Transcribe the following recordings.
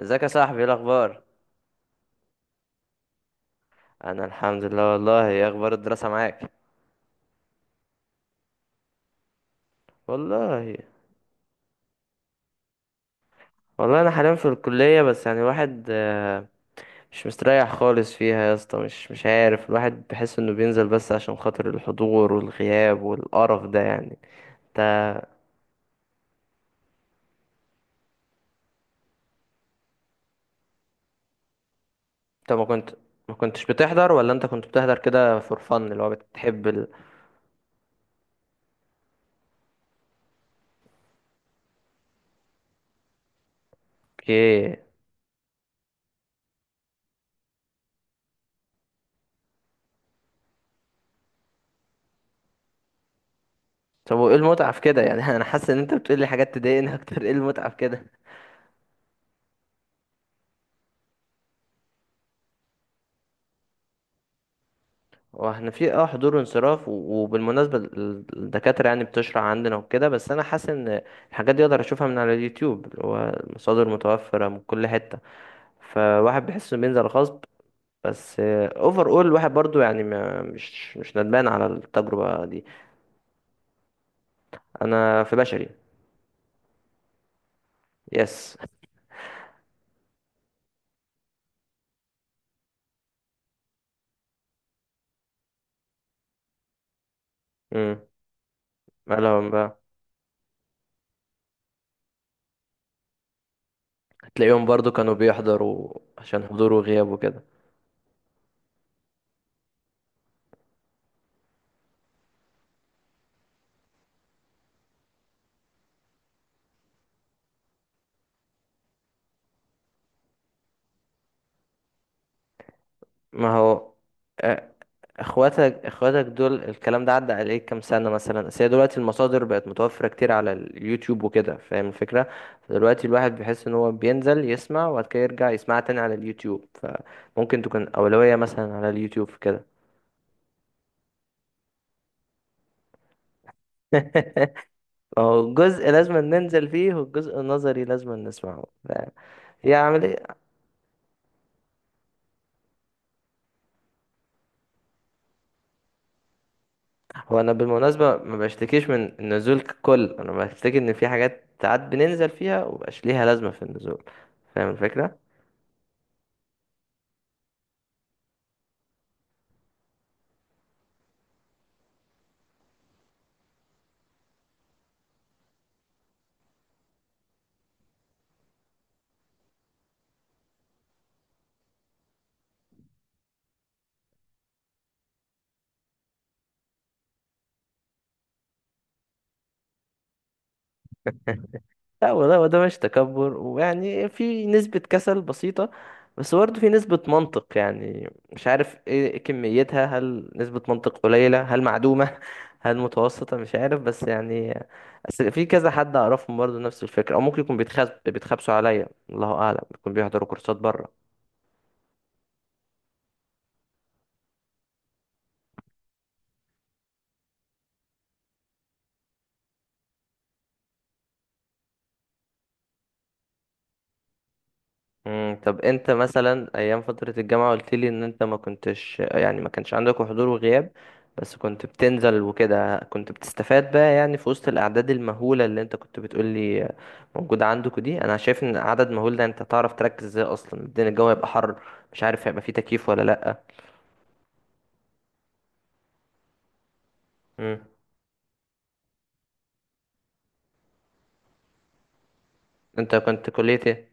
ازيك يا صاحبي؟ ايه الاخبار؟ انا الحمد لله. والله، ايه اخبار الدراسه معاك؟ والله، والله انا حاليا في الكليه، بس يعني الواحد مش مستريح خالص فيها يا اسطى. مش عارف، الواحد بحس انه بينزل بس عشان خاطر الحضور والغياب والقرف ده يعني. انت انت ما كنتش بتحضر ولا انت كنت بتحضر كده فور فن اللي هو بتحب اوكي. طب وايه المتعه في كده يعني؟ انا حاسس ان انت بتقول لي حاجات تضايقني اكتر، ايه المتعه في كده؟ واحنا في حضور وانصراف وبالمناسبة الدكاترة يعني بتشرح عندنا وكده، بس انا حاسس ان الحاجات دي اقدر اشوفها من على اليوتيوب، اللي هو المصادر متوفرة من كل حتة. فواحد بيحس انه بينزل غصب، بس اوفر اول الواحد برضو يعني ما مش ندمان على التجربة دي. انا في بشري. يس. امم. مالهم بقى؟ هتلاقيهم برضو كانوا بيحضروا عشان حضور وغياب وكده. ما هو آه، اخواتك دول الكلام ده عدى عليك كام سنة مثلا؟ اصل هي دلوقتي المصادر بقت متوفرة كتير على اليوتيوب وكده، فاهم الفكرة؟ فدلوقتي الواحد بيحس ان هو بينزل يسمع وبعد كده يرجع يسمعها تاني على اليوتيوب، فممكن تكون أولوية مثلا على اليوتيوب في كده. هو جزء لازم ننزل فيه، والجزء النظري لازم نسمعه ف- هي عملية. هو أنا بالمناسبة ما بشتكيش من النزول ككل، أنا بشتكي إن في حاجات ساعات بننزل فيها ومبقاش ليها لازمة في النزول، فاهم الفكرة؟ لا، وده مش تكبر، ويعني في نسبة كسل بسيطة، بس برضه في نسبة منطق. يعني مش عارف ايه كميتها، هل نسبة منطق قليلة، هل معدومة، هل متوسطة، مش عارف، بس يعني أصل في كذا حد أعرفهم برضه نفس الفكرة، أو ممكن يكون بيتخبسوا عليا، الله أعلم، يكون بيحضروا كورسات بره. مم. طب انت مثلا ايام فترة الجامعة، قلت لي ان انت ما كنتش، يعني ما كانش عندك حضور وغياب، بس كنت بتنزل وكده، كنت بتستفاد بقى؟ يعني في وسط الاعداد المهولة اللي انت كنت بتقول لي موجودة عندك دي، انا شايف ان عدد مهول ده، انت تعرف تركز ازاي؟ اصلا الدنيا الجو هيبقى حر، مش عارف هيبقى فيه تكييف ولا لأ. مم. انت كنت كلية ايه؟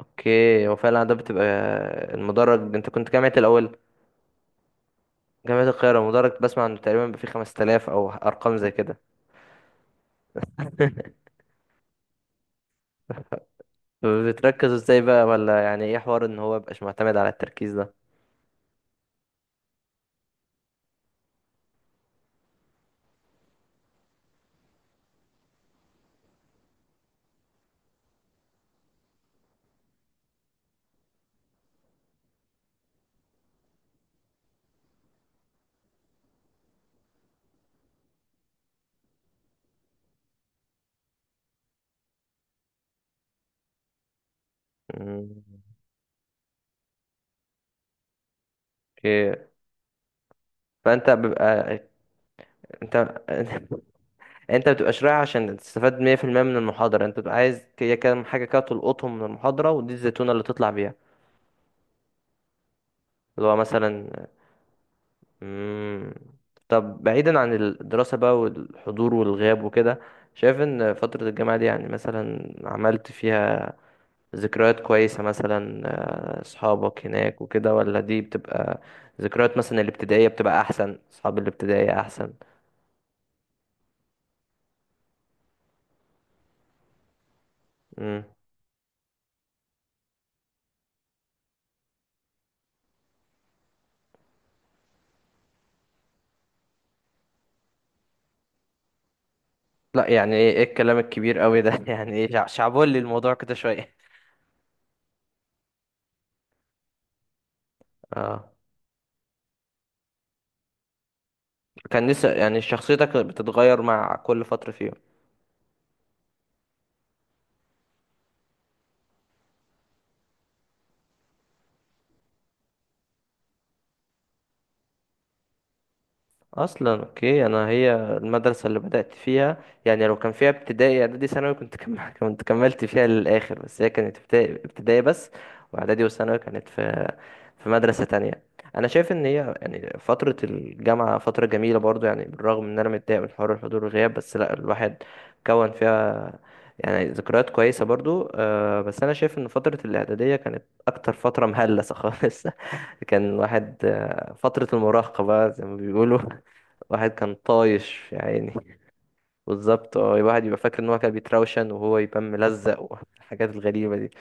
اوكي، وفعلا ده بتبقى المدرج. انت كنت جامعة الاول؟ جامعة القاهرة، المدرج بسمع انه تقريبا بيبقى فيه 5000 او ارقام زي كده. بتركز ازاي بقى، ولا يعني ايه حوار ان هو مبقاش معتمد على التركيز ده؟ مم، اوكي. فانت بيبقى انت انت بتبقاش رايح عشان تستفاد 100% من المحاضرة، انت بتبقى عايز هي كام حاجة كده تلقطهم من المحاضرة، ودي الزيتونة اللي تطلع بيها، اللي هو مثلا. مم، طب بعيدا عن الدراسة بقى والحضور والغياب وكده، شايف ان فترة الجامعة دي يعني مثلا عملت فيها ذكريات كويسة مثلا، اصحابك هناك وكده، ولا دي بتبقى ذكريات مثلا الابتدائية بتبقى احسن، اصحاب الابتدائية احسن؟ امم. لا يعني ايه الكلام الكبير قوي ده؟ يعني ايه، شعبولي الموضوع كده شوية. اه كان لسه يعني شخصيتك بتتغير مع كل فترة فيهم. اصلا اوكي، انا هي المدرسه اللي بدات فيها، يعني لو كان فيها ابتدائي اعدادي ثانوي كنت كنت كملت فيها للاخر، بس هي كانت ابتدائي ابتدائي بس، واعدادي وثانوي كانت في مدرسه تانية. انا شايف ان هي يعني فتره الجامعه فتره جميله برضو، يعني بالرغم ان انا متضايق من حوار الحضور والغياب، بس لا الواحد كون فيها يعني ذكريات كويسه برضو، أه. بس انا شايف ان فتره الاعداديه كانت اكتر فتره مهلسه خالص. كان الواحد فترة المراهقة بقى زي ما بيقولوا. واحد كان طايش يا عيني. بالظبط، الواحد يبقى فاكر ان هو كان بيتروشن وهو يبقى ملزق، والحاجات الغريبة دي.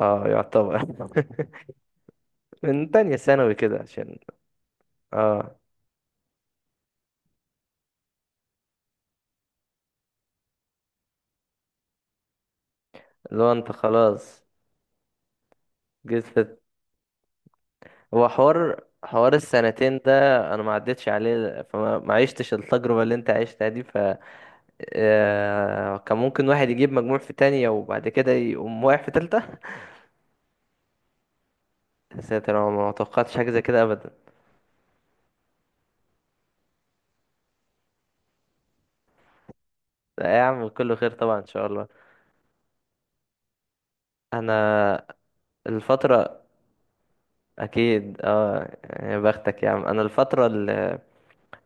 اه، يعتبر. من تانية ثانوي كده، عشان اه اللي هو انت خلاص جيت في، هو حوار السنتين ده انا ما عدتش عليه، فما ما عشتش التجربة اللي انت عشتها دي كان ممكن واحد يجيب مجموع في تانية وبعد كده يقوم واقع في تالتة. يا ساتر، انا ما توقعتش حاجة زي كده ابدا. لا يا عم، كله خير طبعا ان شاء الله. انا الفترة أكيد اه، يا بختك يا عم. أنا الفترة اللي,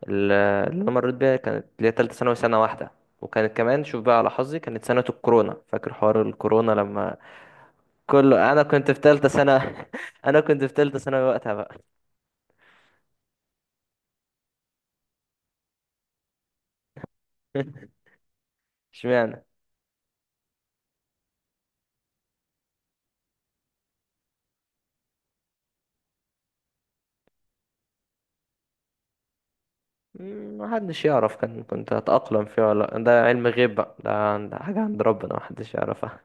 اللي أنا مريت بيها كانت اللي هي تالتة ثانوي سنة واحدة، وكانت كمان، شوف بقى على حظي، كانت سنة الكورونا، فاكر حوار الكورونا لما كله؟ أنا كنت في تالتة سنة. أنا كنت في تالتة ثانوي وقتها بقى. اشمعنى؟ محدش يعرف كان كنت هتأقلم فيه ولا لأ. ده علم غيب بقى، ده حاجة عند ربنا محدش يعرفها.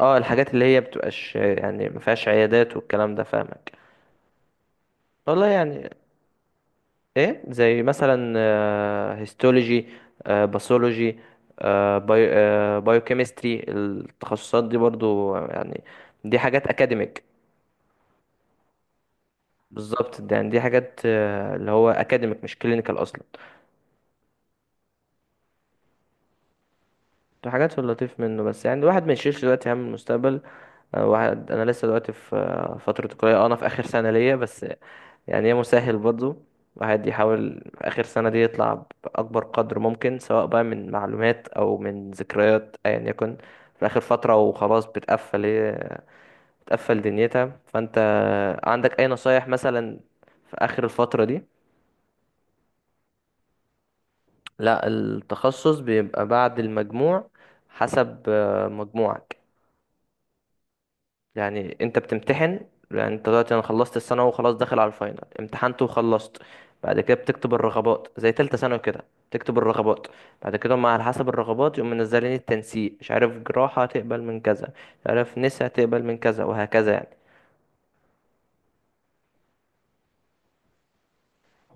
اه، الحاجات اللي هي بتبقاش يعني مفيهاش عيادات والكلام ده، فاهمك. والله يعني، ايه زي مثلا؟ هيستولوجي، باثولوجي، بايوكيمستري، التخصصات دي برضو يعني، دي حاجات اكاديميك. بالظبط، ده يعني دي حاجات اللي هو اكاديميك مش كلينيكال اصلا. دي حاجات في اللطيف منه، بس يعني الواحد ما يشيلش دلوقتي هم المستقبل. واحد انا لسه دلوقتي في فتره الكليه، انا في اخر سنه ليا بس، يعني يا مسهل برضه. الواحد يحاول في آخر سنة دي يطلع بأكبر قدر ممكن، سواء بقى من معلومات أو من ذكريات أيا يكن، في آخر فترة وخلاص بتقفل، هي بتقفل دنيتها. فأنت عندك أي نصايح مثلا في آخر الفترة دي؟ لا، التخصص بيبقى بعد المجموع، حسب مجموعك. يعني انت بتمتحن، يعني انت دلوقتي انا خلصت الثانوي وخلاص داخل على الفاينل، امتحنت وخلصت، بعد كده بتكتب الرغبات زي تالتة ثانوي كده، تكتب الرغبات. بعد كده هم على حسب الرغبات يقوم منزلين التنسيق، مش عارف جراحة هتقبل من كذا، مش عارف نسا هتقبل من كذا، وهكذا يعني.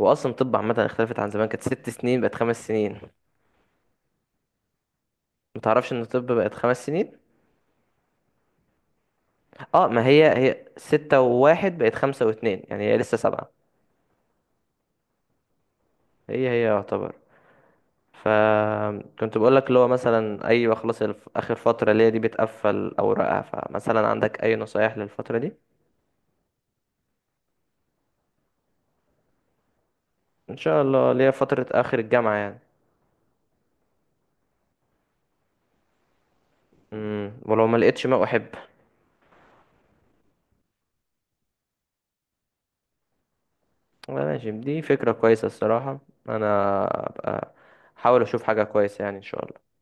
هو اصلا طب عامة اختلفت عن زمان، كانت ست سنين بقت خمس سنين. متعرفش ان الطب بقت خمس سنين؟ اه، ما هي هي ستة وواحد بقت خمسة واتنين يعني، هي لسه سبعة. هي هي يعتبر. فكنت بقول لك اللي هو مثلا، ايوه خلاص اخر فتره ليا دي بتقفل اوراقها، فمثلا عندك اي نصايح للفتره دي؟ ان شاء الله ليا فتره اخر الجامعه يعني. ولو ما لقيتش ما احب؟ والله ماشي، دي فكره كويسه الصراحه. انا ابقى احاول اشوف حاجه كويسه، يعني ان شاء الله.